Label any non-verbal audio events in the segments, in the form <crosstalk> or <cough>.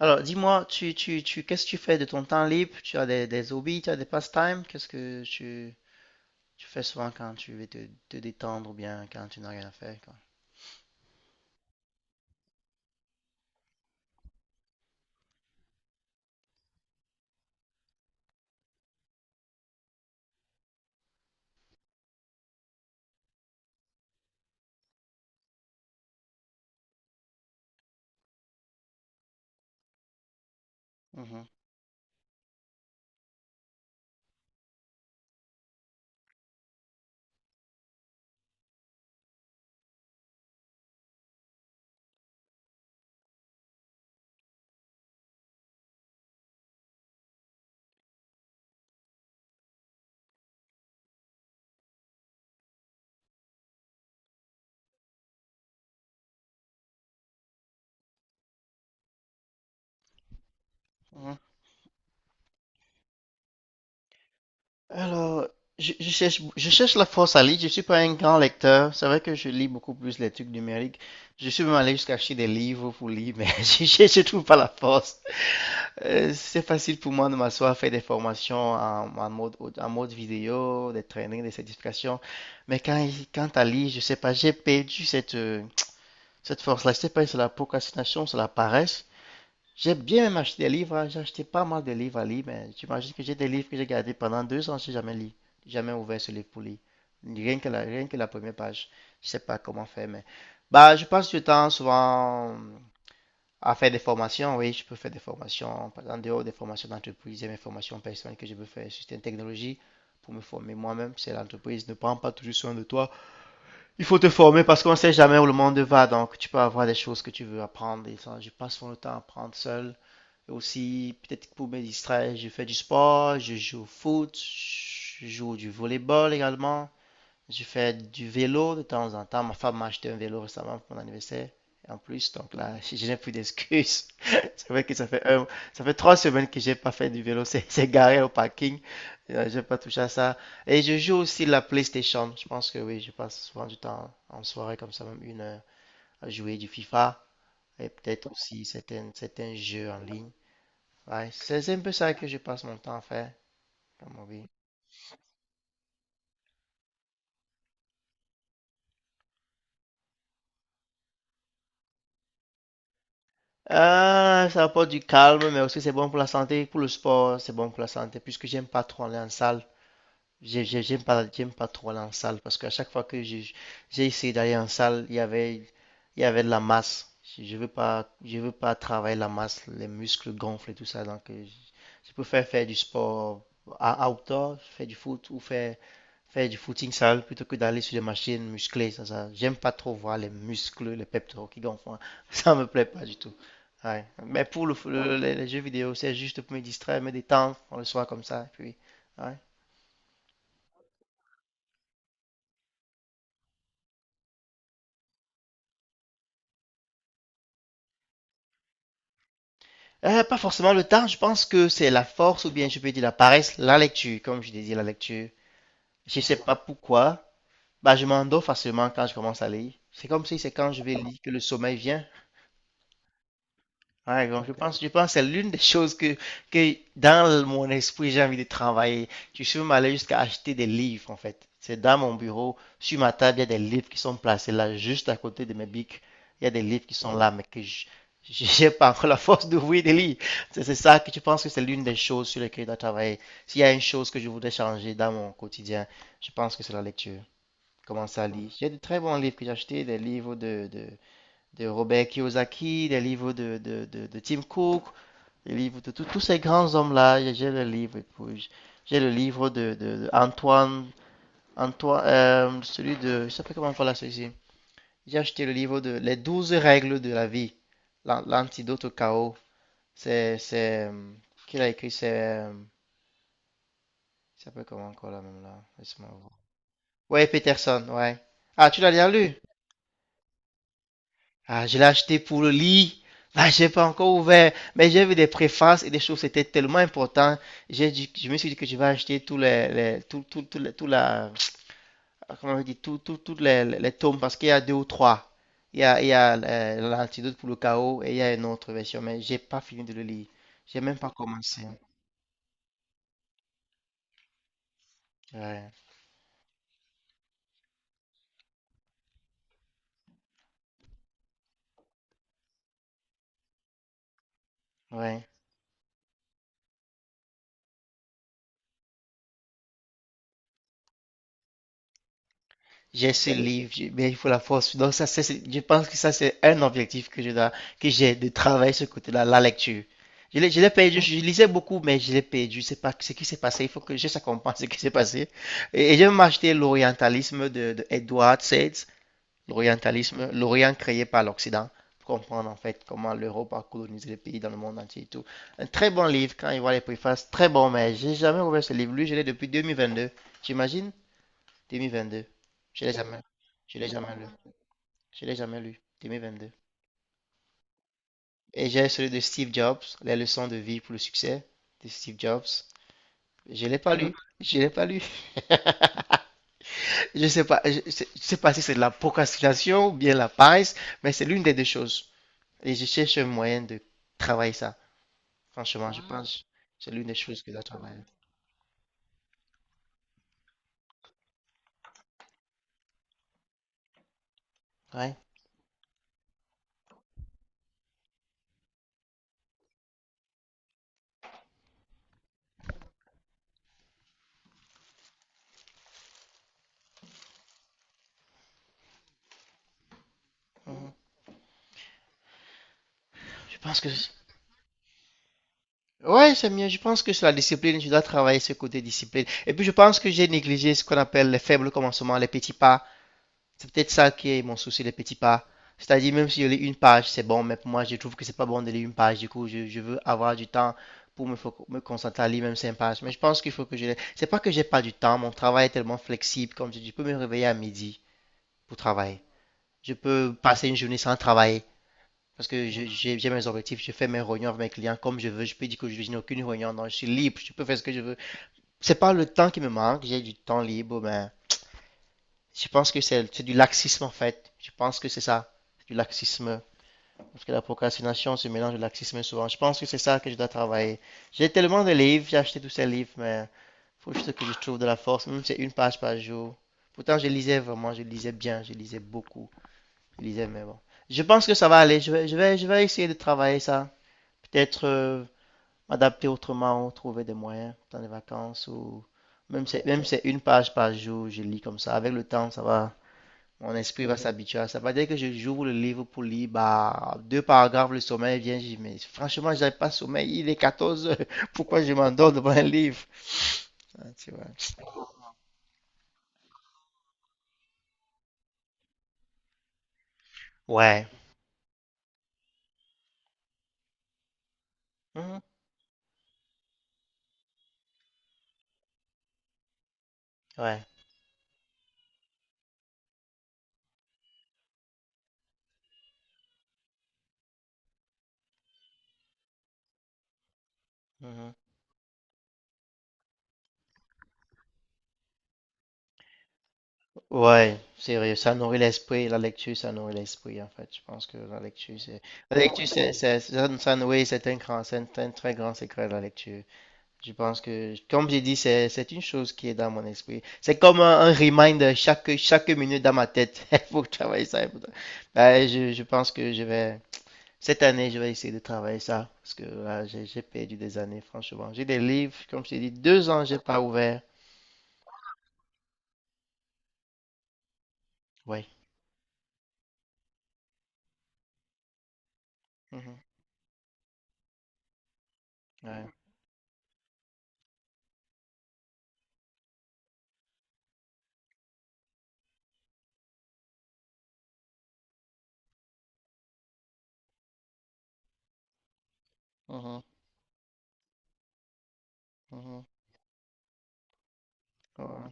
Alors, dis-moi, tu, qu'est-ce que tu fais de ton temps libre? Tu as des hobbies, tu as des pastimes? Qu'est-ce que tu fais souvent quand tu veux te détendre ou bien quand tu n'as rien à faire, quoi? Mhm. Alors, je cherche la force à lire. Je suis pas un grand lecteur. C'est vrai que je lis beaucoup plus les trucs numériques. Je suis même allé jusqu'à acheter des livres pour lire, mais <laughs> je trouve pas la force. C'est facile pour moi de m'asseoir, faire des formations en mode vidéo, des trainings, des certifications. Mais quand, quand à lire, je sais pas, j'ai perdu cette force-là. Je sais pas si c'est la procrastination, c'est la paresse. J'ai bien même acheté des livres, hein. J'ai acheté pas mal de livres à lire, mais j'imagine que j'ai des livres que j'ai gardés pendant deux ans. J'ai jamais lu, jamais ouvert ce livre pour lire. Rien que la première page. Je sais pas comment faire, mais bah, je passe du temps souvent à faire des formations. Oui, je peux faire des formations, par exemple, en dehors des formations d'entreprise et mes formations personnelles que je peux faire sur certaines technologies pour me former moi-même. C'est l'entreprise ne prend pas toujours soin de toi. Il faut te former parce qu'on ne sait jamais où le monde va, donc tu peux avoir des choses que tu veux apprendre. Et ça, je passe mon temps à apprendre seul aussi. Peut-être pour me distraire, je fais du sport, je joue au foot, je joue du volleyball également, je fais du vélo de temps en temps. Ma femme m'a acheté un vélo récemment pour mon anniversaire. En plus, donc là, <laughs> je n'ai plus d'excuses. <laughs> C'est vrai que ça fait trois semaines que j'ai pas fait du vélo. <laughs> C'est garé au parking. J'ai pas touché à ça. Et je joue aussi la PlayStation. Je pense que oui, je passe souvent du temps en soirée comme ça, même une heure, à jouer du FIFA et peut-être aussi certains jeux en ligne. Ouais, c'est un peu ça que je passe mon temps à faire comme hobby. Ah, ça apporte du calme, mais aussi c'est bon pour la santé, pour le sport, c'est bon pour la santé, puisque j'aime pas trop aller en salle. J'aime pas trop aller en salle, parce qu'à chaque fois que j'ai essayé d'aller en salle, il y avait de la masse. Je veux pas travailler la masse, les muscles gonflent et tout ça, donc je préfère faire du sport à outdoor, faire du foot ou faire du footing sale plutôt que d'aller sur des machines musclées. Ça, j'aime pas trop voir les muscles, les pectoraux qui gonflent, hein. <laughs> Ça me plaît pas du tout. Ouais. Mais pour les jeux vidéo, c'est juste pour me distraire, me détendre pour le soir comme ça. Et puis, ouais. Pas forcément le temps, je pense que c'est la force ou bien je peux dire la paresse, la lecture, comme je disais, la lecture. Je sais pas pourquoi, bah, je m'endors facilement quand je commence à lire. C'est comme si c'est quand je vais lire que le sommeil vient. Ouais, donc je pense que c'est l'une des choses que dans mon esprit, j'ai envie de travailler. Tu peux m'aller jusqu'à acheter des livres, en fait. C'est dans mon bureau, sur ma table, il y a des livres qui sont placés là, juste à côté de mes bics. Il y a des livres qui sont, ouais, là, mais que je <laughs> n'ai pas encore la force d'ouvrir des livres. C'est ça que tu penses que c'est l'une des choses sur lesquelles je dois travailler. S'il y a une chose que je voudrais changer dans mon quotidien, je pense que c'est la lecture. Commencer à lire. J'ai de très bons livres que j'ai achetés, des livres de Robert Kiyosaki, des livres de Tim Cook, des livres de tous ces grands hommes-là. J'ai le livre. J'ai le livre de Antoine, Antoine, celui de, je ne sais pas comment on fait là celui-ci. J'ai acheté le livre de Les 12 règles de la vie, l'antidote au chaos. C'est qui l'a écrit? Il s'appelle comment encore là même là? Laisse-moi voir. Ouais, Peterson, ouais. Ah, tu l'as déjà lu? Ah, je l'ai acheté pour le lit. Ah, j'ai pas encore ouvert, mais j'ai vu des préfaces et des choses, c'était tellement important. J'ai dit, je me suis dit que je vais acheter tous les tout, tout, tout, les- tout la, comment on dit, tout, tout, tous les tomes parce qu'il y a deux ou trois. Il y a l'antidote pour le chaos et il y a une autre version, mais j'ai pas fini de le lire. J'ai même pas commencé. Ouais, ouais. J'ai ce livre, mais il faut la force. Donc ça, je pense que ça, c'est un objectif que je dois, que j'ai de travailler ce côté-là, la lecture. Je l'ai perdu, je lisais beaucoup, mais je l'ai perdu. C'est pas ce qui s'est passé. Il faut que je ça comprenne ce qui s'est passé. Et, j'ai même acheté l'orientalisme de Edward Said, l'orientalisme, l'Orient créé par l'Occident, pour comprendre en fait comment l'Europe a colonisé les pays dans le monde entier et tout. Un très bon livre quand il voit les préfaces, très bon, mais j'ai jamais ouvert ce livre. Lui, je l'ai depuis 2022, j'imagine. 2022. Je l'ai jamais, je l'ai jamais lu. Je l'ai jamais lu. 2022. Et j'ai celui de Steve Jobs, Les leçons de vie pour le succès de Steve Jobs. Je l'ai pas lu. Je l'ai pas lu. <laughs> Je sais pas, je sais pas si c'est de la procrastination ou bien la paresse, mais c'est l'une des deux choses. Et je cherche un moyen de travailler ça. Franchement, je pense que c'est l'une des choses que je dois travailler. Ouais. Mhm. Je pense que, ouais, c'est mieux. Je pense que sur la discipline, je dois travailler ce côté discipline. Et puis, je pense que j'ai négligé ce qu'on appelle les faibles commencements, les petits pas. C'est peut-être ça qui est mon souci, les petits pas. C'est-à-dire, même si je lis une page, c'est bon, mais pour moi, je trouve que c'est pas bon de lire une page. Du coup, je veux avoir du temps pour me concentrer à lire même cinq pages. Mais je pense qu'il faut que je les. C'est pas que j'ai pas du temps. Mon travail est tellement flexible. Comme je dis, je peux me réveiller à midi pour travailler. Je peux passer une journée sans travailler. Parce que j'ai mes objectifs, je fais mes réunions avec mes clients comme je veux. Je peux dire que je n'ai aucune réunion, non, je suis libre, je peux faire ce que je veux. C'est pas le temps qui me manque, j'ai du temps libre, mais je pense que c'est du laxisme en fait. Je pense que c'est ça, c'est du laxisme. Parce que la procrastination se mélange de laxisme souvent. Je pense que c'est ça que je dois travailler. J'ai tellement de livres, j'ai acheté tous ces livres, mais il faut juste que je trouve de la force, même si c'est une page par jour. Pourtant, je lisais vraiment, je lisais bien, je lisais beaucoup, je lisais, mais bon. Je pense que ça va aller, je vais essayer de travailler ça. Peut-être, m'adapter autrement, trouver des moyens pendant les vacances ou même c'est une page par jour, je lis comme ça. Avec le temps, ça va, mon esprit va s'habituer à ça. Ça va dire que j'ouvre le livre pour lire, bah, deux paragraphes, le sommeil vient, je dis, mais franchement, j'avais pas sommeil, il est 14 heures, <laughs> pourquoi je m'endors devant un livre? Ah, tu vois. Ouais. Mhm. Ouais. Mhm. Ouais, c'est vrai, ça nourrit l'esprit, la lecture, ça nourrit l'esprit, en fait. Je pense que la lecture, c'est. La lecture, c'est. Oui, c'est un très grand secret, la lecture. Je pense que, comme j'ai dit, c'est une chose qui est dans mon esprit. C'est comme un reminder chaque minute dans ma tête. <laughs> Il faut travailler ça. Ben, je pense que je vais. Cette année, je vais essayer de travailler ça, parce que là, j'ai perdu des années, franchement. J'ai des livres, comme je t'ai dit, deux ans, j'ai pas ouvert. Ouais. Mhm. Ouais. Mhm. Mhm. Ouais.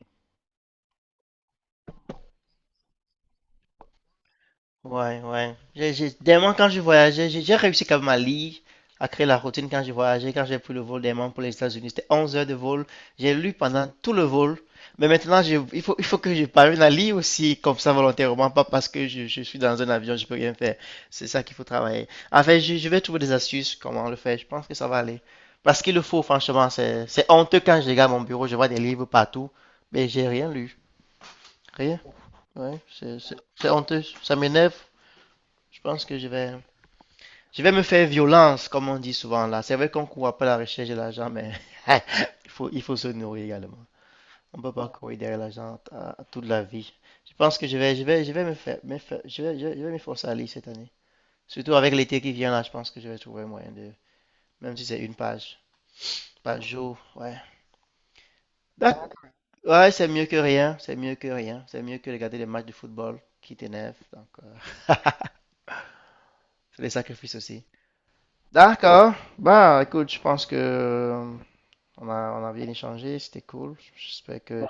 Ouais, ouais. Dernièrement, quand je voyageais, j'ai réussi quand même à lire, à créer la routine quand je voyageais, quand j'ai pris le vol dernièrement pour les États-Unis. C'était 11 heures de vol. J'ai lu pendant tout le vol. Mais maintenant, il faut, que je parvienne à lire aussi, comme ça, volontairement, pas parce que je suis dans un avion, je peux rien faire. C'est ça qu'il faut travailler. En fait, je vais trouver des astuces, comment le faire. Je pense que ça va aller. Parce qu'il le faut, franchement. C'est honteux quand je regarde mon bureau, je vois des livres partout, mais j'ai rien lu. Rien. Ouais, c'est honteux. Ça m'énerve. Je pense que je vais me faire violence, comme on dit souvent là. C'est vrai qu'on court après la recherche de l'argent, mais <laughs> il faut se nourrir également. On ne peut pas courir derrière l'argent toute la vie. Je pense que je vais, je vais, je vais me faire- je vais m'efforcer à lire cette année. Surtout avec l'été qui vient là, je pense que je vais trouver un moyen de, même si c'est une page par jour, ouais. D'ac- Ouais, c'est mieux que rien, c'est mieux que rien, c'est mieux que regarder les matchs de football qui t'énervent. Donc, <laughs> c'est des sacrifices aussi. D'accord. Bah, écoute, je pense que on a, bien échangé, c'était cool. J'espère que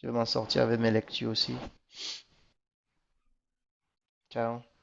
je vais m'en sortir avec mes lectures aussi. Ciao.